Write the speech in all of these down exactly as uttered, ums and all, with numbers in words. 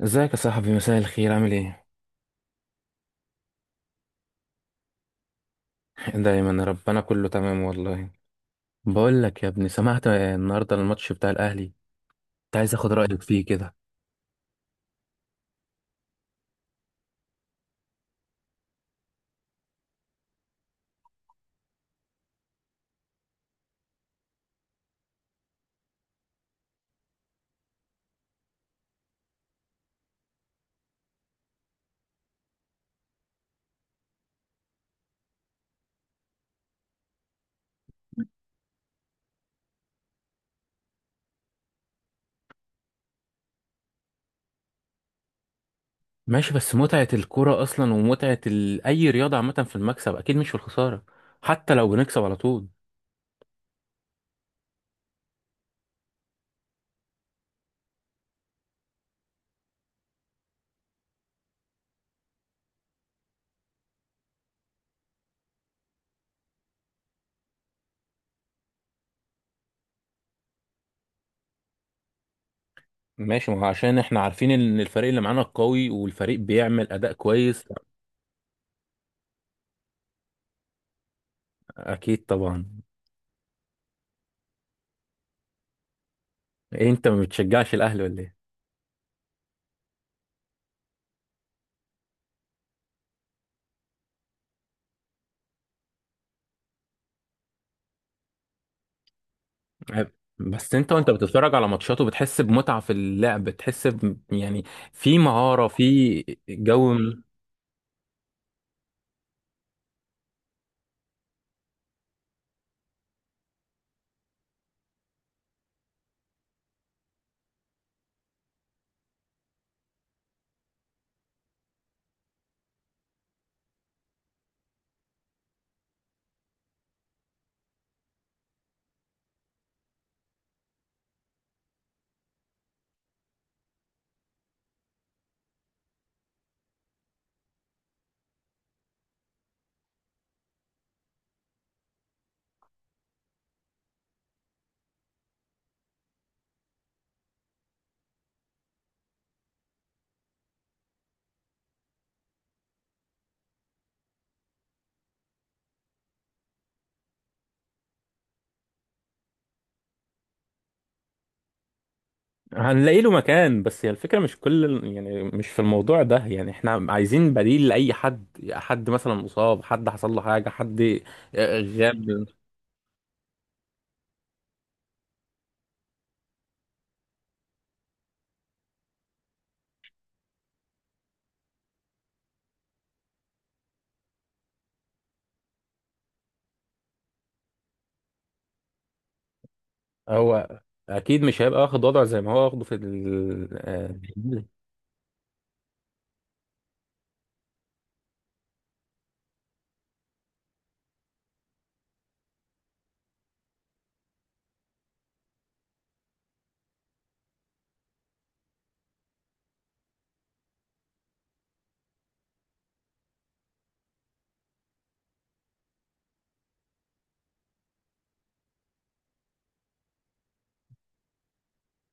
ازيك يا صاحبي، مساء الخير، عامل ايه؟ دايما ربنا كله تمام والله. بقول لك يا ابني، سمعت النهارده الماتش بتاع الاهلي، كنت عايز اخد رايك فيه كده. ماشي، بس متعه الكوره اصلا، ومتعه ال... اي رياضه عامه في المكسب، اكيد مش في الخساره، حتى لو بنكسب على طول. ماشي، ما هو عشان احنا عارفين ان الفريق اللي معانا قوي، والفريق بيعمل اداء كويس. اكيد طبعا. إيه، انت ما بتشجعش الاهلي ولا ايه؟ بس انت وانت بتتفرج على ماتشاته بتحس بمتعة في اللعب، بتحس ب... يعني في مهارة، في جو. هنلاقي له مكان، بس هي الفكرة مش كل ال- يعني مش في الموضوع ده، يعني احنا عايزين بديل لأي حد، حد مثلا مصاب، حد حصل له حاجة، حد غاب. هو أكيد مش هيبقى واخد وضع زي ما هو واخده في ال... آه،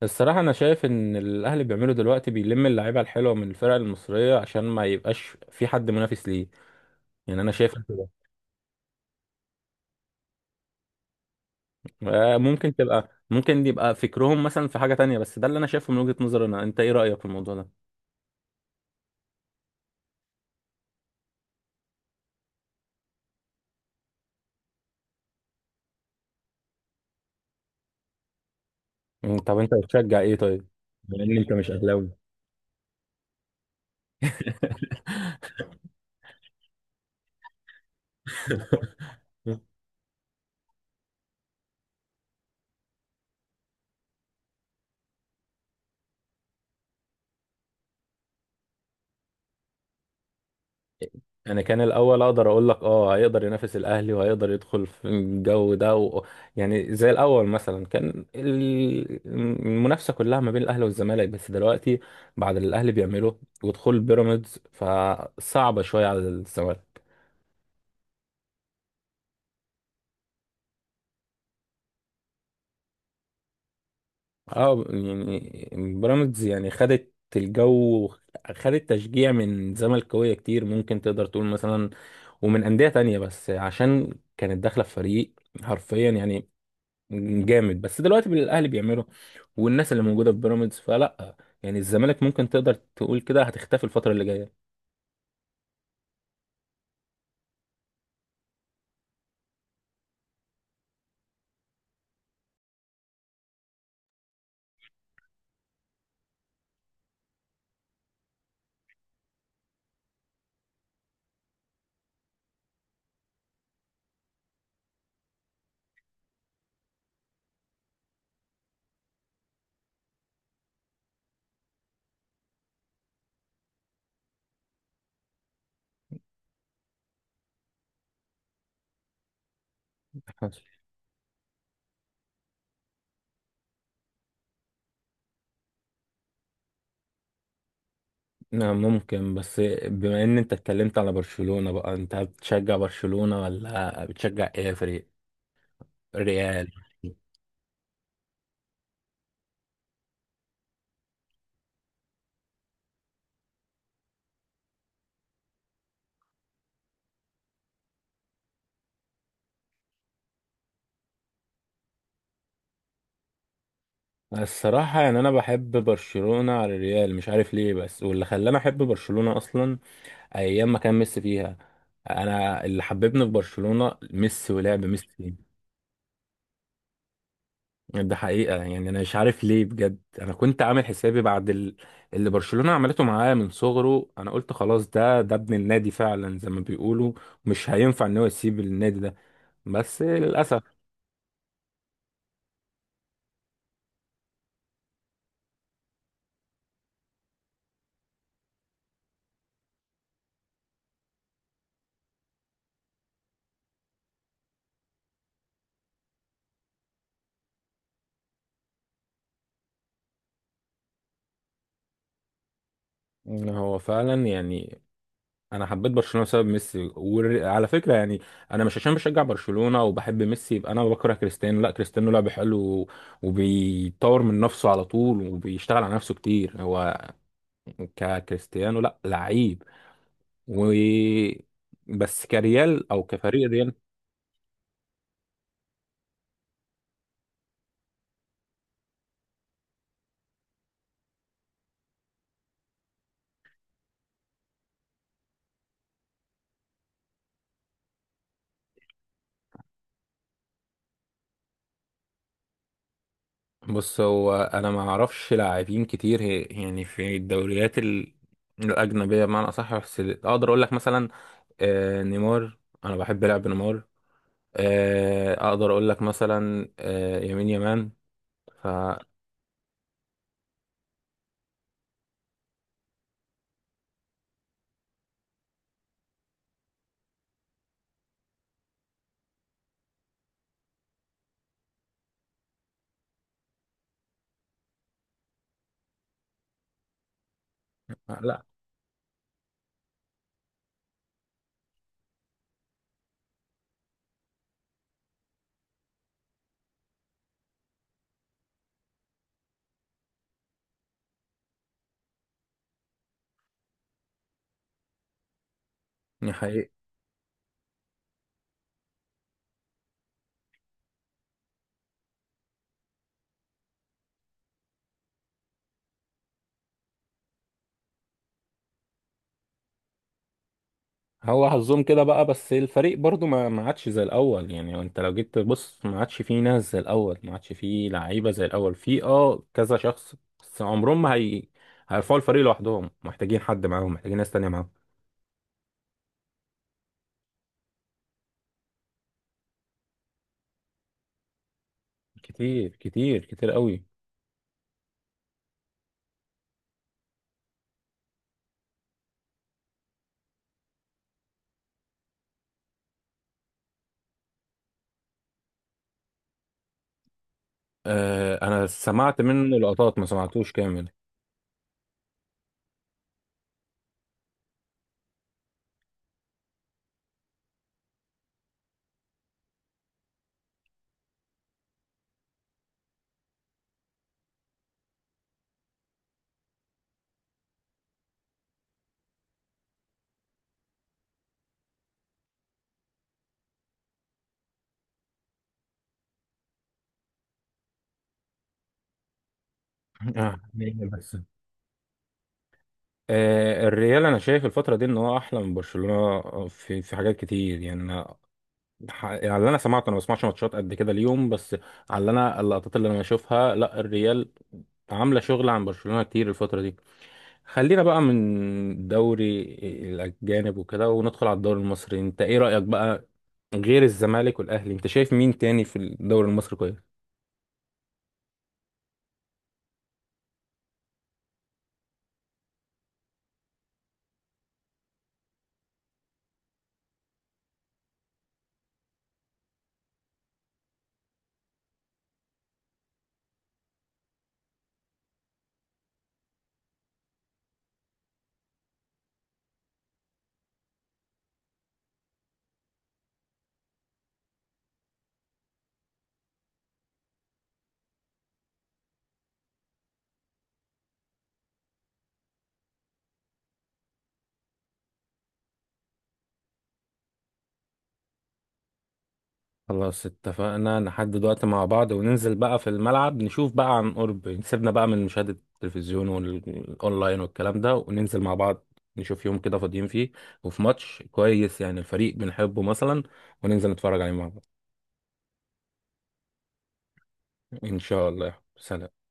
الصراحة أنا شايف إن الأهلي بيعمله دلوقتي، بيلم اللعيبة الحلوة من الفرق المصرية عشان ما يبقاش في حد منافس ليه. يعني أنا شايف، آه، ممكن تبقى ممكن يبقى فكرهم مثلا في حاجة تانية، بس ده اللي انا شايفه من وجهة نظري انا. انت ايه رأيك في الموضوع ده؟ مم، طب انت بتشجع ايه طيب؟ بما ان انت مش اهلاوي. انا كان الاول اقدر اقول لك اه هيقدر ينافس الاهلي، وهيقدر يدخل في الجو ده و... يعني زي الاول مثلا كان ال- المنافسه كلها ما بين الاهلي والزمالك، بس دلوقتي بعد اللي الاهلي بيعمله ودخول بيراميدز فصعبه شويه على الزمالك. اه، يعني بيراميدز يعني خدت الجو، خدت تشجيع من زملكاويه كتير ممكن تقدر تقول مثلا، ومن انديه تانية، بس عشان كانت داخله في فريق حرفيا يعني جامد. بس دلوقتي الاهلي بيعمله والناس اللي موجوده في بيراميدز فلا، يعني الزمالك ممكن تقدر تقول كده هتختفي الفتره اللي جايه. حصل. نعم، ممكن. بس بما ان انت اتكلمت على برشلونه بقى، انت بتشجع برشلونه ولا بتشجع ايه فريق؟ ريال؟ الصراحة يعني أنا بحب برشلونة على الريال مش عارف ليه، بس واللي خلاني أحب برشلونة أصلا أيام ما كان ميسي فيها. أنا اللي حببني في برشلونة ميسي، ولعب ميسي. ده حقيقة، يعني أنا مش عارف ليه بجد. أنا كنت عامل حسابي بعد ال- اللي برشلونة عملته معاه من صغره، أنا قلت خلاص ده ده ابن النادي فعلا زي ما بيقولوا، مش هينفع إن هو يسيب النادي ده. بس للأسف إن هو فعلا يعني. انا حبيت برشلونه بسبب ميسي، وعلى فكره يعني انا مش عشان بشجع برشلونه وبحب ميسي يبقى انا بكره كريستيانو. لا، كريستيانو لعب حلو، و- وبيطور من نفسه على طول، وبيشتغل على نفسه كتير، هو ككريستيانو لا لعيب. و بس كريال او كفريق ريال. بص، هو انا ما اعرفش لاعبين كتير، هي- يعني في الدوريات ال- الاجنبيه بمعنى اصح. بس اقدر اقول لك مثلا آه، نيمار، انا بحب لعب نيمار. آه، اقدر اقول لك مثلا آه، يمين يمان. ف لا يعني حقيقي. هو حظهم كده بقى، بس الفريق برضو ما ما عادش زي الاول. يعني انت لو جيت تبص ما عادش فيه ناس زي الاول، ما عادش فيه لعيبه زي الاول، في اه كذا شخص بس عمرهم ما هي هيرفعوا الفريق لوحدهم، محتاجين حد معاهم، محتاجين ناس تانية معاهم. كتير كتير كتير قوي. آه، انا سمعت منه لقطات ما سمعتوش كامل. آه، بس آه، الريال انا شايف الفتره دي ان هو احلى من برشلونه. آه، في في حاجات كتير يعني انا ح- يعني اللي انا سمعته، انا ما بسمعش ماتشات قد كده اليوم. بس على اللي انا اللقطات اللي انا بشوفها، لا، الريال عامله شغل عن برشلونه كتير الفتره دي. خلينا بقى من دوري الاجانب وكده، وندخل على الدوري المصري. انت ايه رايك بقى غير الزمالك والاهلي؟ انت شايف مين تاني في الدوري المصري كويس؟ خلاص، اتفقنا. نحدد وقت مع بعض وننزل بقى في الملعب نشوف بقى عن قرب، سيبنا بقى من مشاهدة التلفزيون والأونلاين والكلام ده، وننزل مع بعض. نشوف يوم كده فاضيين فيه وفي ماتش كويس، يعني الفريق بنحبه مثلا، وننزل نتفرج عليه مع بعض. إن شاء الله. سلام.